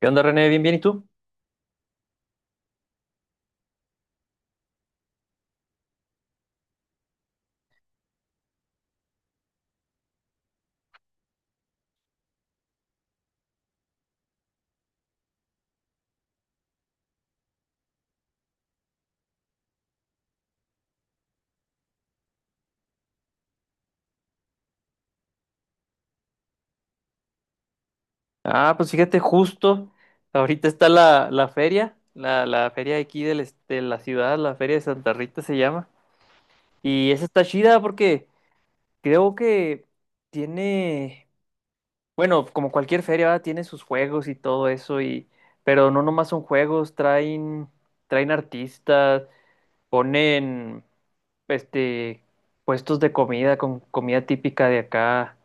¿Qué onda, René? Bien, bien, ¿y tú? Ah, pues fíjate, justo ahorita está la feria, la feria aquí del, este, de la ciudad, la feria de Santa Rita se llama. Y esa está chida porque creo que tiene, bueno, como cualquier feria, ¿verdad? Tiene sus juegos y todo eso, y, pero no nomás son juegos, traen, traen artistas, ponen, este, puestos de comida con comida típica de acá.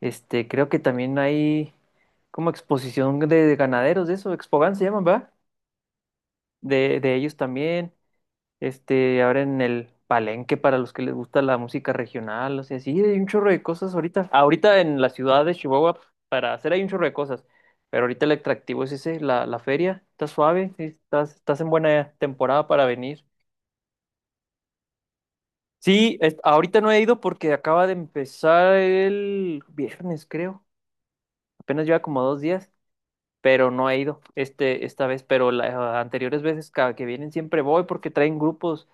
Este, creo que también hay como exposición de ganaderos, de eso, Expogan se llaman, ¿verdad? De ellos también. Este, ahora en el Palenque para los que les gusta la música regional, o sea, sí, hay un chorro de cosas ahorita. Ahorita en la ciudad de Chihuahua para hacer hay un chorro de cosas, pero ahorita el atractivo es ese, la feria, está suave, sí, estás, estás en buena temporada para venir. Sí, ahorita no he ido porque acaba de empezar el viernes, creo. Apenas lleva como dos días, pero no he ido, este, esta vez, pero las, ah, anteriores veces cada que vienen siempre voy porque traen grupos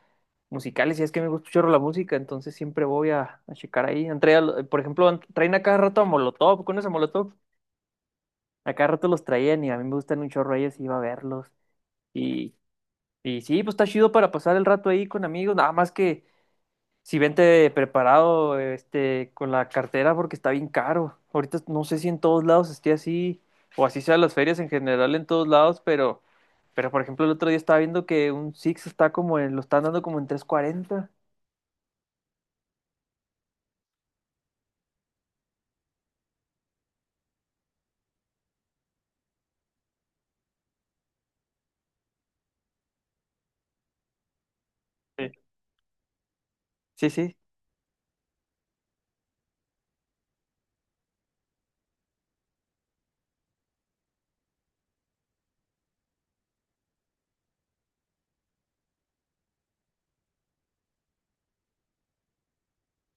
musicales y es que me gusta mucho la música, entonces siempre voy a checar ahí. Han traído, por ejemplo, traen a cada rato a Molotov, con ese Molotov, a cada rato los traían y a mí me gustan un chorro ellos y iba a verlos. Y, y sí, pues está chido para pasar el rato ahí con amigos, nada más que si vente preparado, este, con la cartera porque está bien caro. Ahorita no sé si en todos lados esté así, o así sean las ferias en general en todos lados, pero por ejemplo el otro día estaba viendo que un Six está como en, lo están dando como en 340. Sí. Sí, sí.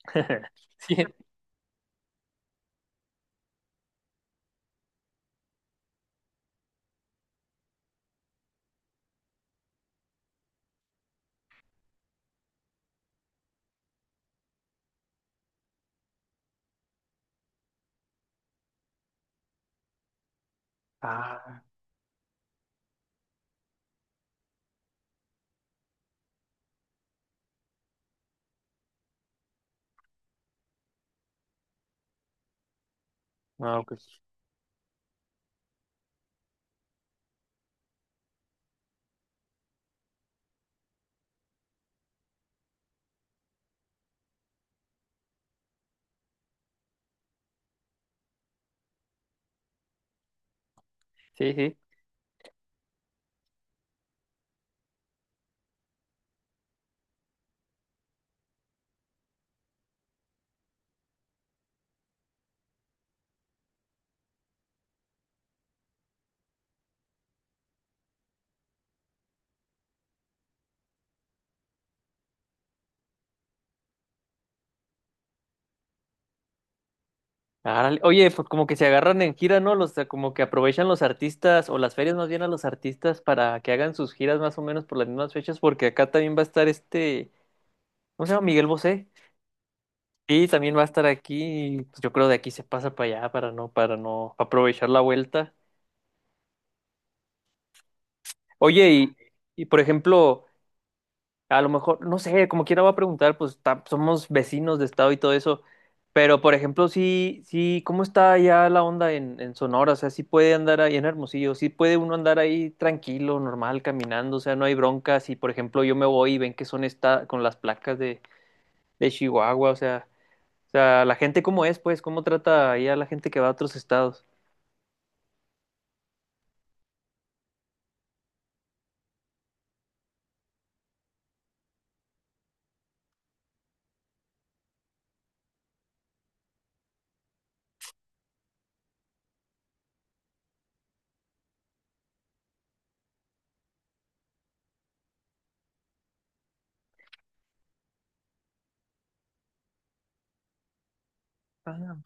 Sí. Ah, no, pues. Sí, sí. Árale. Oye, pues como que se agarran en gira, ¿no? Los, como que aprovechan los artistas, o las ferias más bien a los artistas para que hagan sus giras más o menos por las mismas fechas, porque acá también va a estar, este, ¿cómo se llama? Miguel Bosé. Sí, también va a estar aquí, pues. Yo creo de aquí se pasa para allá para no aprovechar la vuelta. Oye, y por ejemplo, a lo mejor, no sé, como quiera va a preguntar, pues somos vecinos de estado y todo eso. Pero por ejemplo, sí, sí, ¿cómo está ya la onda en Sonora? O sea, sí puede andar ahí en Hermosillo, sí puede uno andar ahí tranquilo, normal, caminando, o sea, no hay broncas. Y por ejemplo, yo me voy y ven que son esta con las placas de Chihuahua, o sea, la gente cómo es, pues, cómo trata ahí a la gente que va a otros estados. Ah,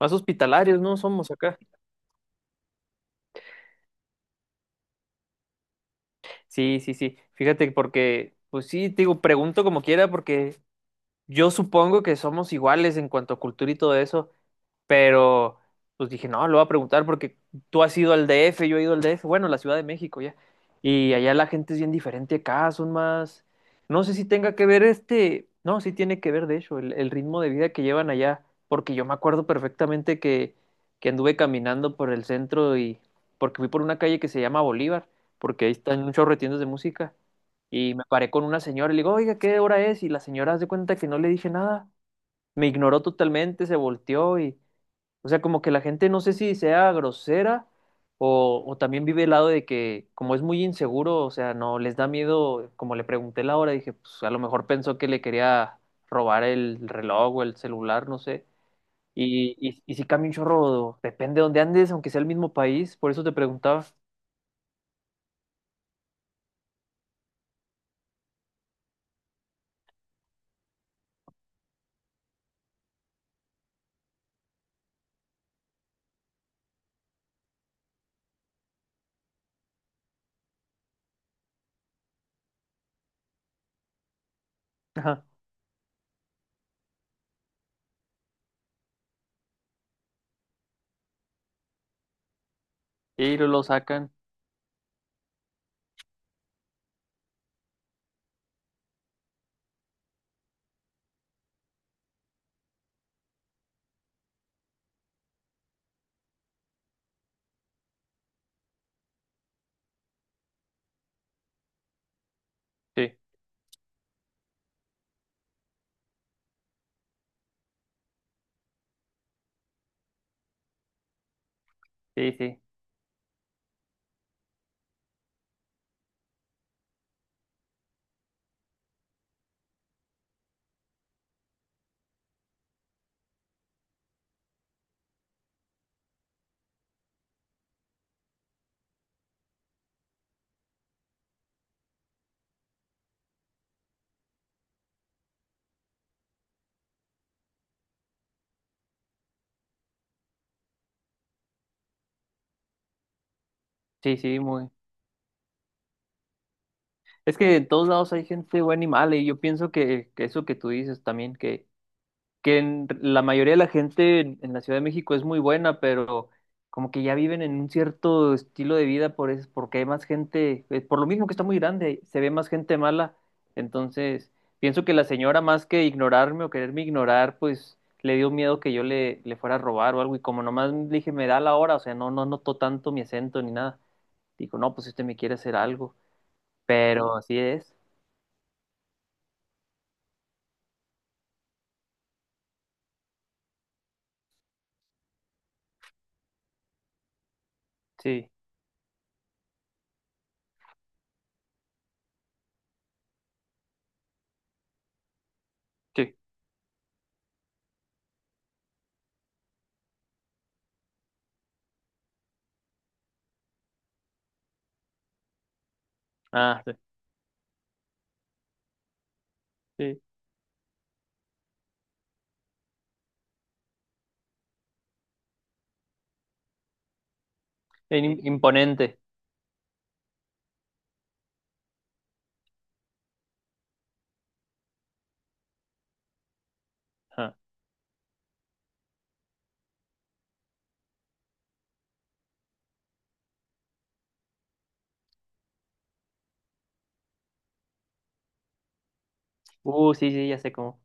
más hospitalarios, ¿no? Somos acá. Sí, sí, sí. Fíjate, porque, pues sí, te digo, pregunto como quiera, porque yo supongo que somos iguales en cuanto a cultura y todo eso. Pero pues dije, no, lo voy a preguntar porque tú has ido al DF, yo he ido al DF, bueno, la Ciudad de México ya. Y allá la gente es bien diferente acá, son más, no sé si tenga que ver, este, no, sí tiene que ver de hecho el ritmo de vida que llevan allá, porque yo me acuerdo perfectamente que anduve caminando por el centro y porque fui por una calle que se llama Bolívar, porque ahí están muchos retiendos de música. Y me paré con una señora y le digo, oiga, ¿qué hora es? Y la señora hace cuenta que no le dije nada. Me ignoró totalmente, se volteó y, o sea, como que la gente no sé si sea grosera o también vive el lado de que como es muy inseguro, o sea, no les da miedo, como le pregunté la hora, dije, pues a lo mejor pensó que le quería robar el reloj o el celular, no sé. Y si cambia un chorro, depende de dónde andes, aunque sea el mismo país, por eso te preguntaba. Ajá. Y lo sacan. Sí, sí, sí, sí, sí, muy. Es que en todos lados hay gente buena y mala, y yo pienso que eso que tú dices también, que la mayoría de la gente en la Ciudad de México es muy buena, pero como que ya viven en un cierto estilo de vida por eso, porque hay más gente, por lo mismo que está muy grande, se ve más gente mala. Entonces, pienso que la señora, más que ignorarme o quererme ignorar, pues le dio miedo que yo le, le fuera a robar o algo. Y como nomás le dije, me da la hora, o sea, no, no notó tanto mi acento ni nada. Dijo, no, pues usted me quiere hacer algo. Pero así es. Sí, sí. Ah, sí. Sí. En- imponente. Sí, sí, ya sé cómo.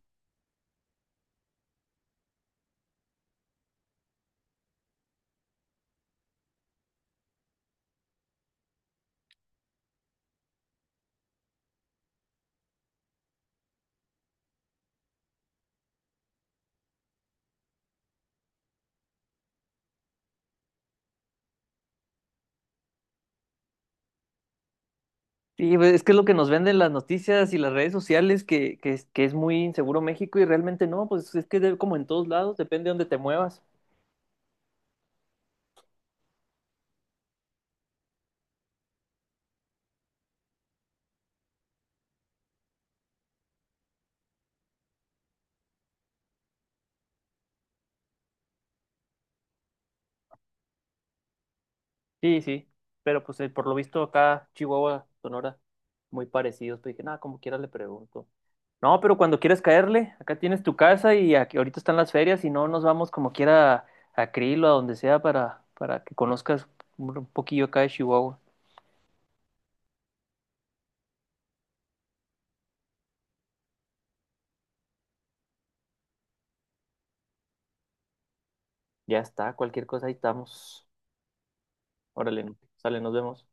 Sí, pues, es que es lo que nos venden las noticias y las redes sociales, que, que es muy inseguro México y realmente no, pues es que como en todos lados, depende de dónde te muevas. Sí, sí, pero pues, por lo visto acá Chihuahua, Sonora, muy parecidos, pues dije, nada, como quiera le pregunto. No, pero cuando quieras caerle, acá tienes tu casa y aquí, ahorita están las ferias y no nos vamos como quiera a Krill o a donde sea para que conozcas un poquillo acá de Chihuahua. Ya está, cualquier cosa ahí estamos. Órale, sale, nos vemos.